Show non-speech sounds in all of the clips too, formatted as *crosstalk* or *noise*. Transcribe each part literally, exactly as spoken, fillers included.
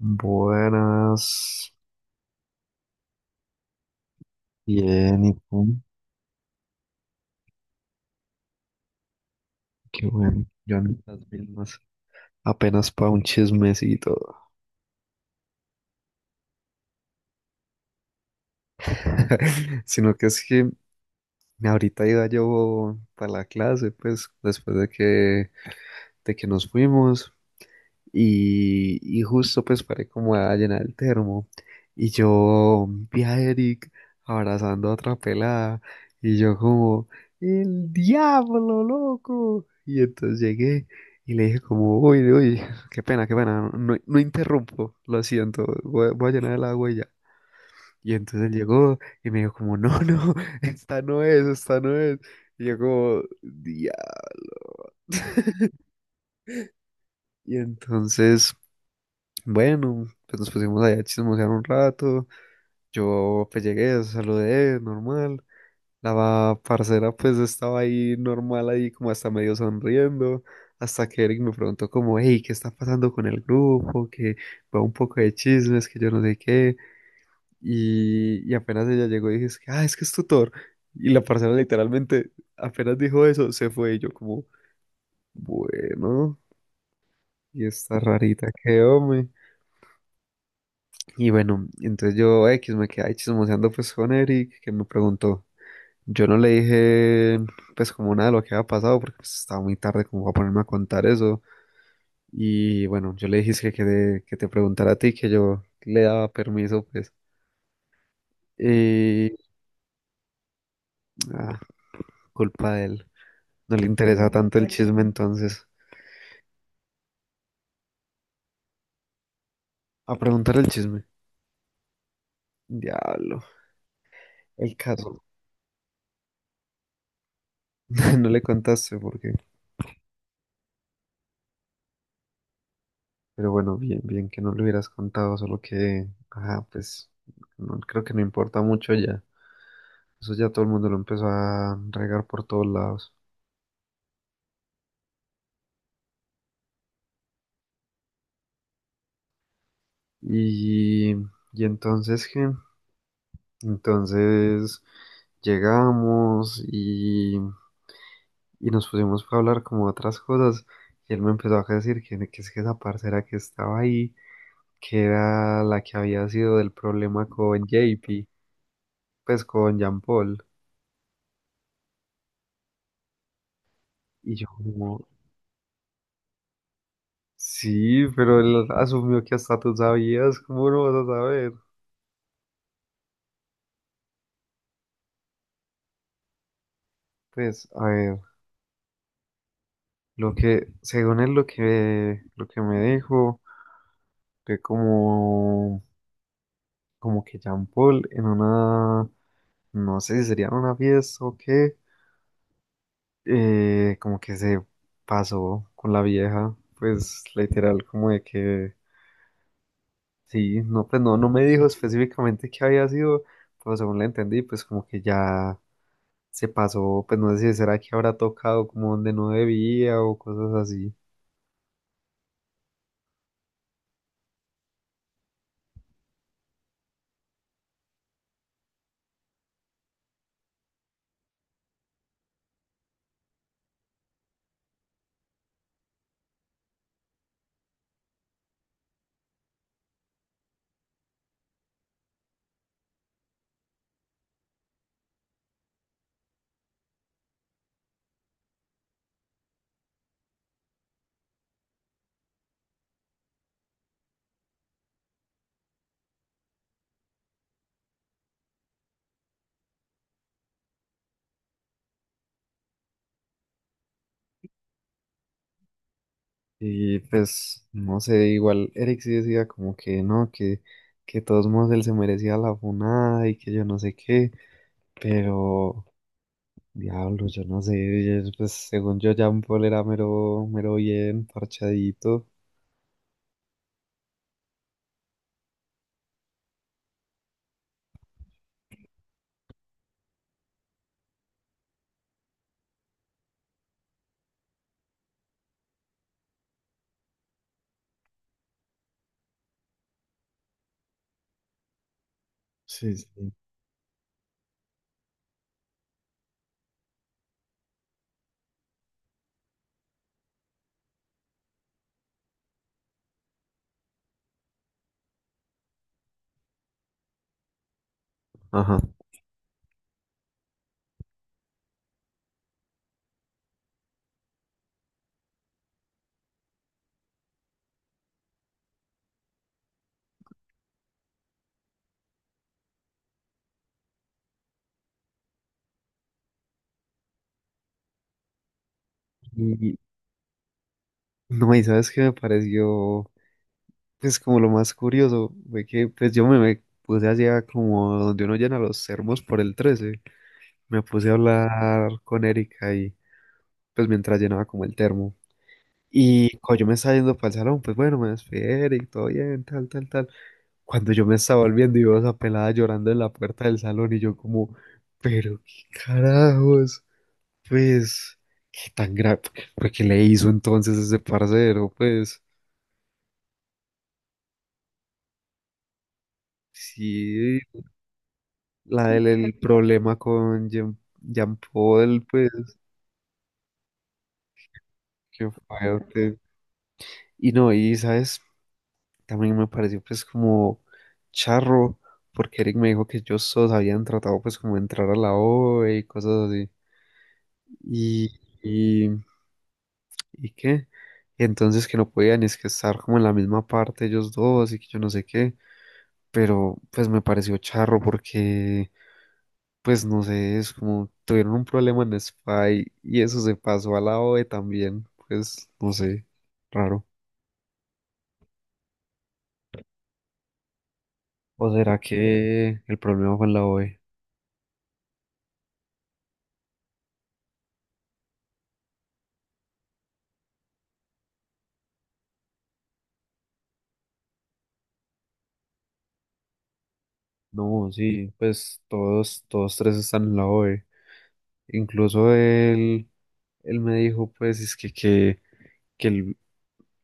Buenas, bien, ¿y tú? Qué bueno, yo ando en las mismas, apenas para un chismecito, *laughs* sino que es que ahorita iba yo para la clase, pues, después de que, de que nos fuimos. Y, y justo pues paré como a llenar el termo. Y yo vi a Eric abrazando a otra pelada. Y yo como, el diablo, loco. Y entonces llegué y le dije como, uy, uy, qué pena, qué pena. No, no, no interrumpo, lo siento. Voy, voy a llenar el agua y ya. Y entonces él llegó y me dijo como, no, no, *laughs* esta no es, esta no es. Y yo como, diablo. *laughs* Y entonces, bueno, pues nos pusimos allá a chismosear un rato. Yo pues llegué, saludé, normal. La parcera pues estaba ahí normal, ahí como hasta medio sonriendo. Hasta que Eric me preguntó como, hey, ¿qué está pasando con el grupo? Que va un poco de chismes, que yo no sé qué. Y, y apenas ella llegó y dije, es que, ah, es que es tutor. Y la parcera literalmente apenas dijo eso, se fue y yo como, bueno, y está rarita, qué hombre. Y bueno, entonces yo X me quedé ahí chismoseando pues con Eric, que me preguntó. Yo no le dije pues como nada de lo que había pasado, porque pues estaba muy tarde como para ponerme a contar eso. Y bueno, yo le dije es que, que, te- que te preguntara a ti, que yo le daba permiso pues. Y ah, culpa de él. No le interesa tanto el chisme entonces. A preguntar el chisme. Diablo. El caso. *laughs* No le contaste porque pero bueno, bien, bien que no lo hubieras contado, solo que, ajá, pues no, creo que no importa mucho ya. Eso ya todo el mundo lo empezó a regar por todos lados. Y, y entonces, ¿qué? Entonces llegamos y, y nos pusimos a hablar como de otras cosas. Y él me empezó a decir que, que es que esa parcera que estaba ahí, que era la que había sido del problema con J P, pues con Jean Paul. Y yo como, sí, pero él asumió que hasta tú sabías, ¿cómo no vas a saber? Pues, a ver, lo que, según él, lo que, lo que me dijo, fue como, como que Jean Paul en una, no sé si sería en una fiesta o qué, eh, como que se pasó con la vieja, pues literal, como de que, sí, no, pues no, no me dijo específicamente qué había sido, pero según le entendí, pues como que ya se pasó, pues no sé si será que habrá tocado como donde no debía o cosas así. Y pues, no sé, igual Eric sí decía como que no, que, que de todos modos él se merecía la funada y que yo no sé qué, pero diablo, yo no sé, yo- pues según yo Jean Paul era mero, mero bien, parchadito. Sí, sí. Ajá. Y no, y sabes qué me pareció. Pues como lo más curioso fue que pues yo me, me puse allá como donde uno llena los termos por el trece. Me puse a hablar con Erika y pues mientras llenaba como el termo. Y cuando yo me estaba yendo para el salón, pues bueno, me despedí de Eric, todo bien, tal, tal, tal. Cuando yo me estaba volviendo y veo a esa pelada llorando en la puerta del salón y yo como, pero qué carajos, pues, qué tan grave, porque le hizo entonces ese parcero, pues, sí, la del el problema con Jean, Jean Paul, pues, que fue, pues. Y no, y sabes, también me pareció, pues, como charro, porque Eric me dijo que ellos todos habían tratado, pues, como de entrar a la O E y cosas así. Y, y, ¿y qué? Y entonces que no podían, es que estar como en la misma parte ellos dos y que yo no sé qué. Pero, pues, me pareció charro porque, pues no sé, es como tuvieron un problema en Spy y eso se pasó a la O E también. Pues no sé, raro. ¿O será que el problema fue en la O E? No, sí, pues todos, todos tres están en la O E. Incluso él, él me dijo, pues, es que, que, que, el-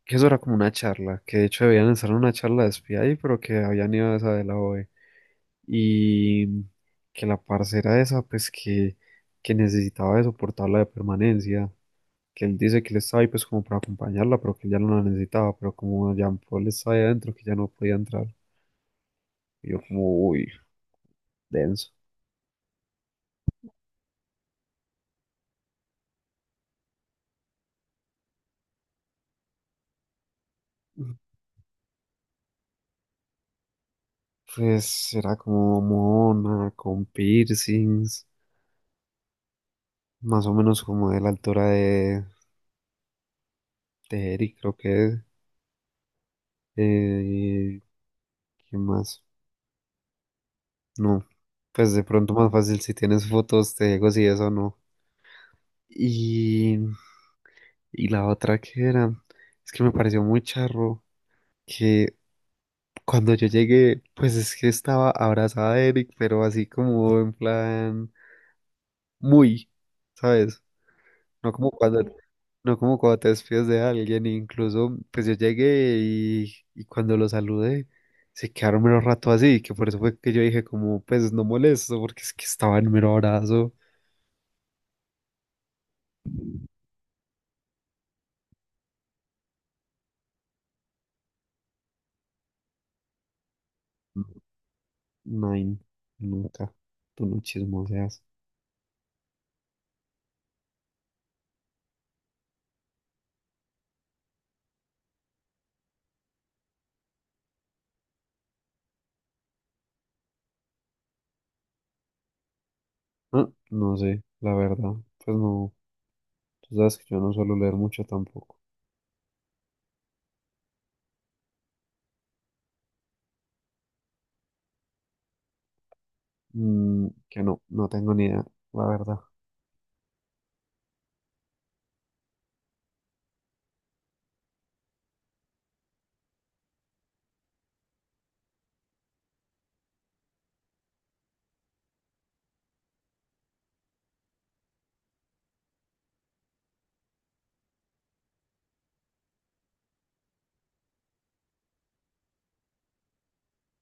que eso era como una charla, que de hecho debían estar en una charla de espía ahí, pero que habían ido a esa de la O E. Y que la parcera esa, pues, que, que necesitaba eso por tabla de permanencia. Que él dice que él estaba ahí, pues, como para acompañarla, pero que él ya no la necesitaba, pero como Jean Paul estaba ahí adentro, que ya no podía entrar. Y yo como, uy, denso. Pues era como mona, con piercings, más o menos como de la altura de, de Eric, creo que es. Eh, ¿qué más? No, pues de pronto más fácil si tienes fotos, te digo si eso o no. Y, y la otra que era, es que me pareció muy charro que cuando yo llegué, pues es que estaba abrazada de Eric, pero así como en plan, muy, ¿sabes? No como cuando, no como cuando te despides de alguien, incluso pues yo llegué y, y cuando lo saludé se quedaron mero rato así, que por eso fue que yo dije como pues no molesto porque es que estaba en mero abrazo. No, nunca, tú no chismoseas. Ah, no sé, la verdad, pues no, tú sabes que yo no suelo leer mucho tampoco. Mm, que no, no tengo ni idea, la verdad.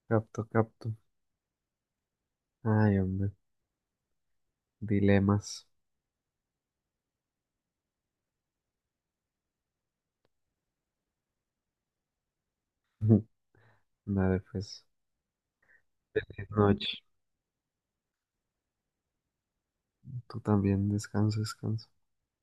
Capto, capto. Ay, hombre, dilemas. *laughs* Dale, pues. Feliz noche. Tú también, descansa, descansa.